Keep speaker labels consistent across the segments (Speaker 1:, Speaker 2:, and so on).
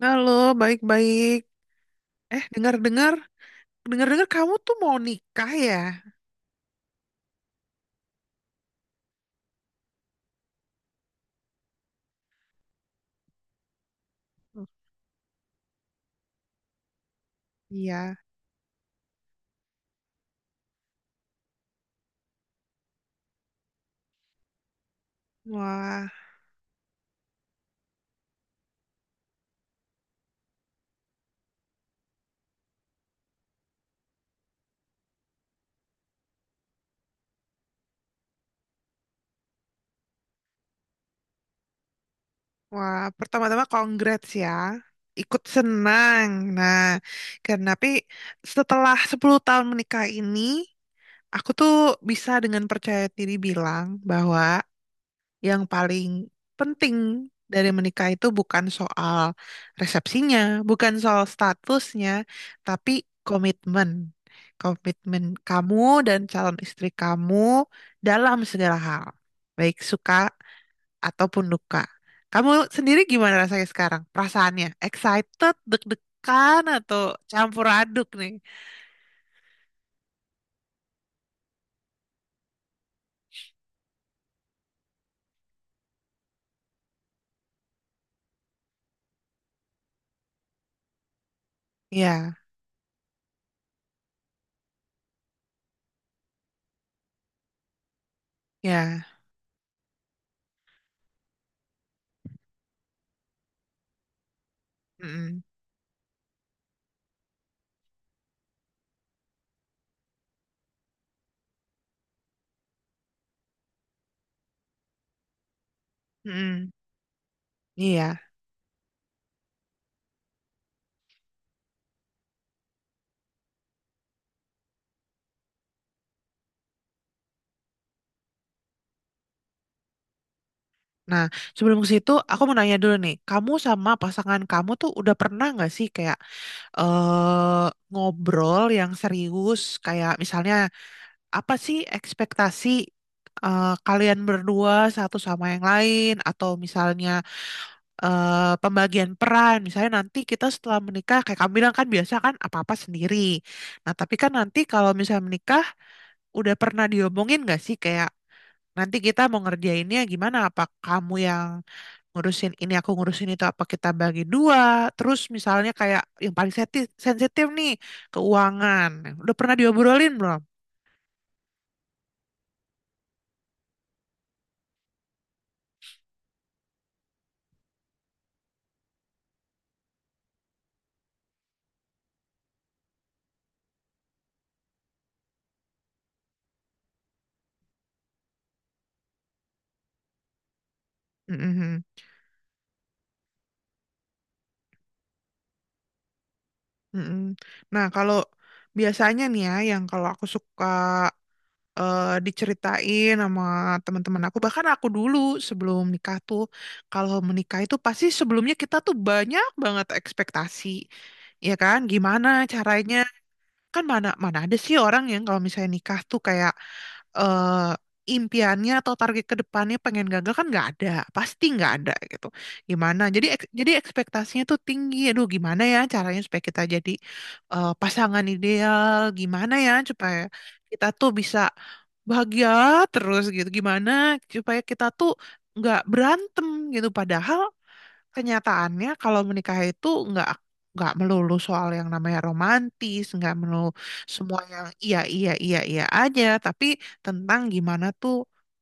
Speaker 1: Halo, baik-baik. Eh, dengar-dengar, dengar-dengar kamu tuh mau nikah ya? Hmm. Iya. Wah, wah, pertama-tama congrats ya. Ikut senang. Nah, karena tapi setelah 10 tahun menikah ini, aku tuh bisa dengan percaya diri bilang bahwa yang paling penting dari menikah itu bukan soal resepsinya, bukan soal statusnya, tapi komitmen. Komitmen kamu dan calon istri kamu dalam segala hal, baik suka ataupun duka. Kamu sendiri gimana rasanya sekarang? Perasaannya excited, deg-degan atau campur aduk nih? Iya, iya. Mm-mm, mm-mm. Iya. Nah, sebelum ke situ, aku mau nanya dulu nih, kamu sama pasangan kamu tuh udah pernah nggak sih kayak ngobrol yang serius, kayak misalnya apa sih ekspektasi kalian berdua satu sama yang lain, atau misalnya pembagian peran, misalnya nanti kita setelah menikah, kayak kamu bilang kan biasa kan apa-apa sendiri. Nah, tapi kan nanti kalau misalnya menikah, udah pernah diomongin nggak sih kayak nanti kita mau ngerjainnya gimana? Apa kamu yang ngurusin ini aku ngurusin itu apa kita bagi dua terus misalnya kayak yang paling sensitif nih keuangan udah pernah diobrolin belum? Mm-mm. Mm-mm. Nah kalau biasanya nih ya yang kalau aku suka diceritain sama teman-teman aku bahkan aku dulu sebelum nikah tuh kalau menikah itu pasti sebelumnya kita tuh banyak banget ekspektasi ya kan gimana caranya kan mana mana ada sih orang yang kalau misalnya nikah tuh kayak eh impiannya atau target ke depannya pengen gagal kan nggak ada pasti nggak ada gitu gimana jadi ekspektasinya tuh tinggi aduh gimana ya caranya supaya kita jadi pasangan ideal gimana ya supaya kita tuh bisa bahagia terus gitu gimana supaya kita tuh nggak berantem gitu padahal kenyataannya kalau menikah itu nggak melulu soal yang namanya romantis, nggak melulu semua yang iya iya iya iya aja, tapi tentang gimana tuh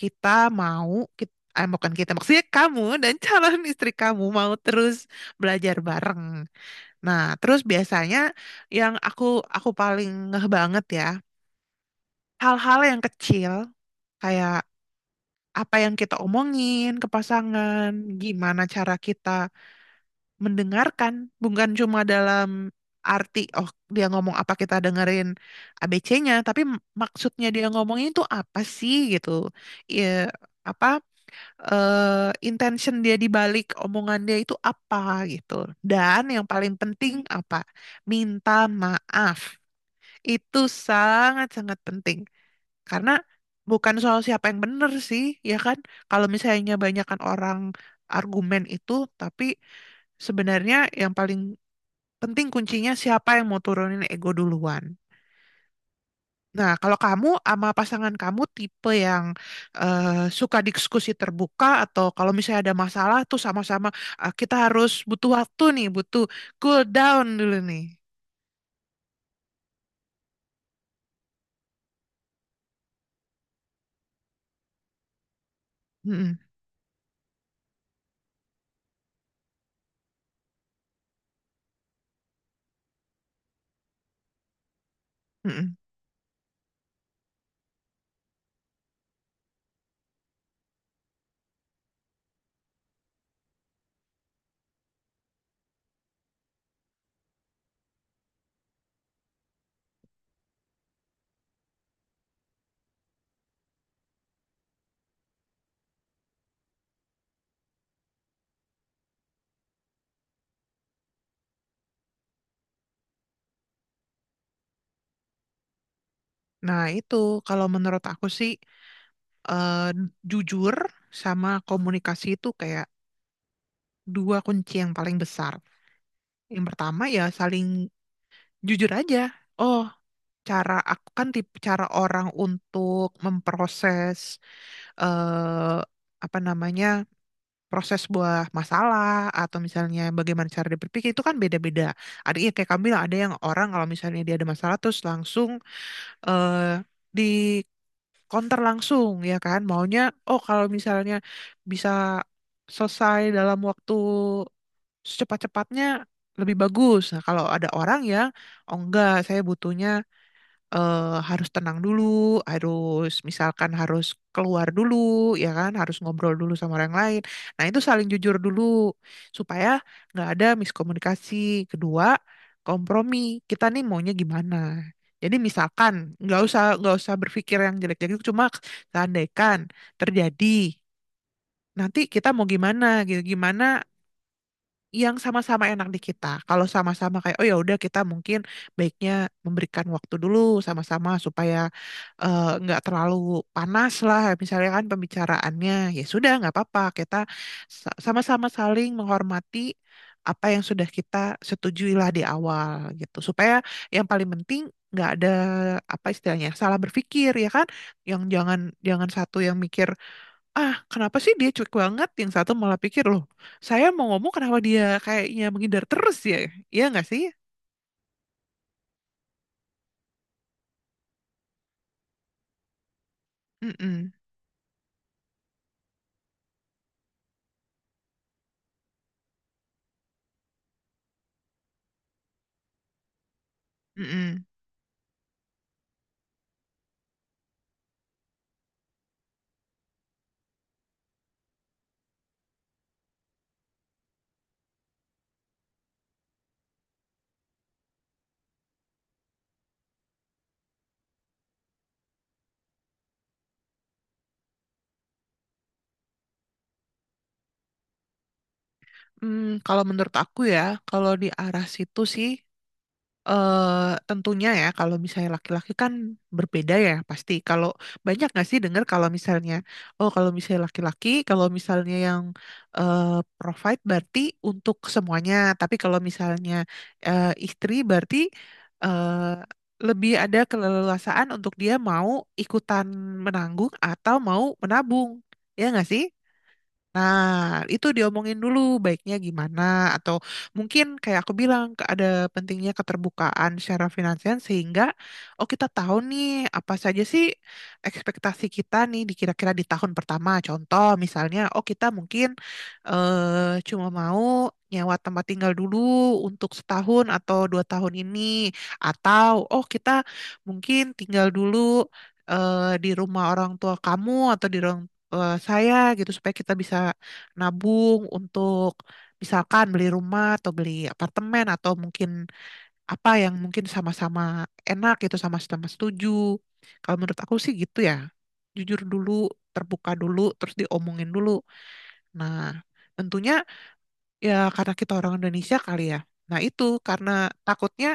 Speaker 1: kita mau kita, eh, bukan kita maksudnya kamu dan calon istri kamu mau terus belajar bareng. Nah, terus biasanya yang aku paling ngeh banget ya, hal-hal yang kecil kayak apa yang kita omongin ke pasangan, gimana cara kita mendengarkan bukan cuma dalam arti oh dia ngomong apa kita dengerin ABC-nya tapi maksudnya dia ngomongnya itu apa sih gitu ya apa intention dia di balik omongan dia itu apa gitu dan yang paling penting apa minta maaf itu sangat-sangat penting karena bukan soal siapa yang benar sih ya kan kalau misalnya banyakkan orang argumen itu tapi sebenarnya yang paling penting kuncinya siapa yang mau turunin ego duluan. Nah, kalau kamu sama pasangan kamu tipe yang eh, suka diskusi terbuka atau kalau misalnya ada masalah tuh sama-sama, "Ah, kita harus butuh waktu nih, butuh cool down dulu nih." Mm-mm, mm-mm. Nah, itu kalau menurut aku sih eh, jujur sama komunikasi itu kayak dua kunci yang paling besar. Yang pertama ya saling jujur aja. Oh, cara aku kan tipe cara orang untuk memproses eh apa namanya proses buah masalah atau misalnya bagaimana cara dia berpikir itu kan beda-beda. Ada ya kayak kamu bilang ada yang orang kalau misalnya dia ada masalah terus langsung eh di counter langsung ya kan maunya oh kalau misalnya bisa selesai dalam waktu secepat-cepatnya lebih bagus. Nah, kalau ada orang yang oh enggak saya butuhnya eh, harus tenang dulu, harus misalkan harus keluar dulu, ya kan, harus ngobrol dulu sama orang lain. Nah, itu saling jujur dulu supaya nggak ada miskomunikasi. Kedua, kompromi. Kita nih maunya gimana? Jadi misalkan nggak usah berpikir yang jelek-jelek, cuma seandaikan terjadi nanti kita mau gimana gitu, gimana yang sama-sama enak di kita. Kalau sama-sama kayak oh ya udah kita mungkin baiknya memberikan waktu dulu sama-sama supaya nggak terlalu panas lah misalnya kan pembicaraannya ya sudah nggak apa-apa kita sama-sama saling menghormati apa yang sudah kita setujui lah di awal gitu supaya yang paling penting nggak ada apa istilahnya salah berpikir ya kan yang jangan jangan satu yang mikir ah kenapa sih dia cuek banget yang satu malah pikir loh saya mau ngomong kenapa dia kayaknya menghindar terus ya iya nggak sih? Mm-mm. Mm-mm. Hmm, kalau menurut aku ya, kalau di arah situ sih, tentunya ya kalau misalnya laki-laki kan berbeda ya pasti. Kalau banyak nggak sih dengar kalau misalnya oh kalau misalnya laki-laki kalau misalnya yang eh, provide berarti untuk semuanya. Tapi kalau misalnya istri berarti eh, lebih ada keleluasaan untuk dia mau ikutan menanggung atau mau menabung. Ya nggak sih? Nah, itu diomongin dulu baiknya gimana atau mungkin kayak aku bilang ada pentingnya keterbukaan secara finansial sehingga oh kita tahu nih apa saja sih ekspektasi kita nih di kira-kira di tahun pertama. Contoh misalnya oh kita mungkin cuma mau nyewa tempat tinggal dulu untuk setahun atau 2 tahun ini atau oh kita mungkin tinggal dulu eh, di rumah orang tua kamu atau di ruang saya gitu supaya kita bisa nabung untuk misalkan beli rumah atau beli apartemen atau mungkin apa yang mungkin sama-sama enak gitu sama-sama setuju. Kalau menurut aku sih gitu ya. Jujur dulu, terbuka dulu, terus diomongin dulu. Nah, tentunya ya karena kita orang Indonesia kali ya. Nah, itu karena takutnya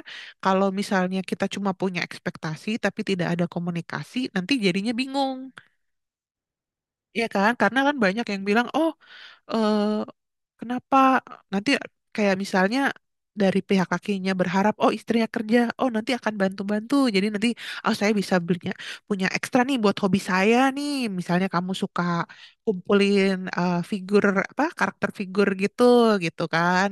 Speaker 1: kalau misalnya kita cuma punya ekspektasi tapi tidak ada komunikasi, nanti jadinya bingung. Iya kan? Karena kan banyak yang bilang, "Oh, eh kenapa nanti kayak misalnya dari pihak kakinya berharap, oh istrinya kerja, oh nanti akan bantu-bantu, jadi nanti oh saya bisa belinya punya ekstra nih buat hobi saya nih, misalnya kamu suka kumpulin figur apa karakter figur gitu gitu kan,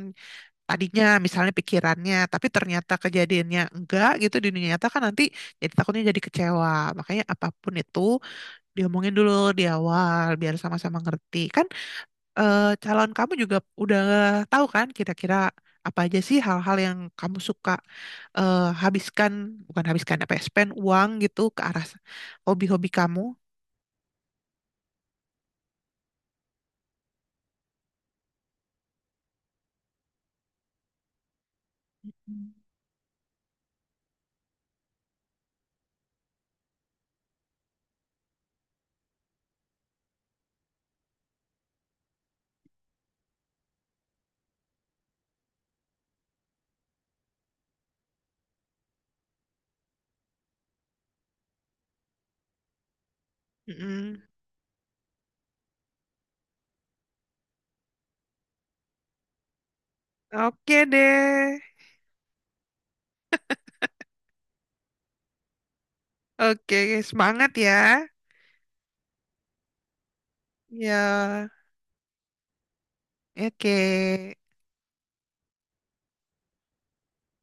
Speaker 1: tadinya misalnya pikirannya, tapi ternyata kejadiannya enggak gitu di dunia nyata kan nanti jadi takutnya jadi kecewa, makanya apapun itu diomongin dulu di awal biar sama-sama ngerti kan calon kamu juga udah tahu kan kira-kira apa aja sih hal-hal yang kamu suka eh, habiskan, bukan habiskan apa ya, spend uang gitu ke arah hobi-hobi kamu. Mm-mm. Oke deh. Oke, semangat ya. Ya, oke.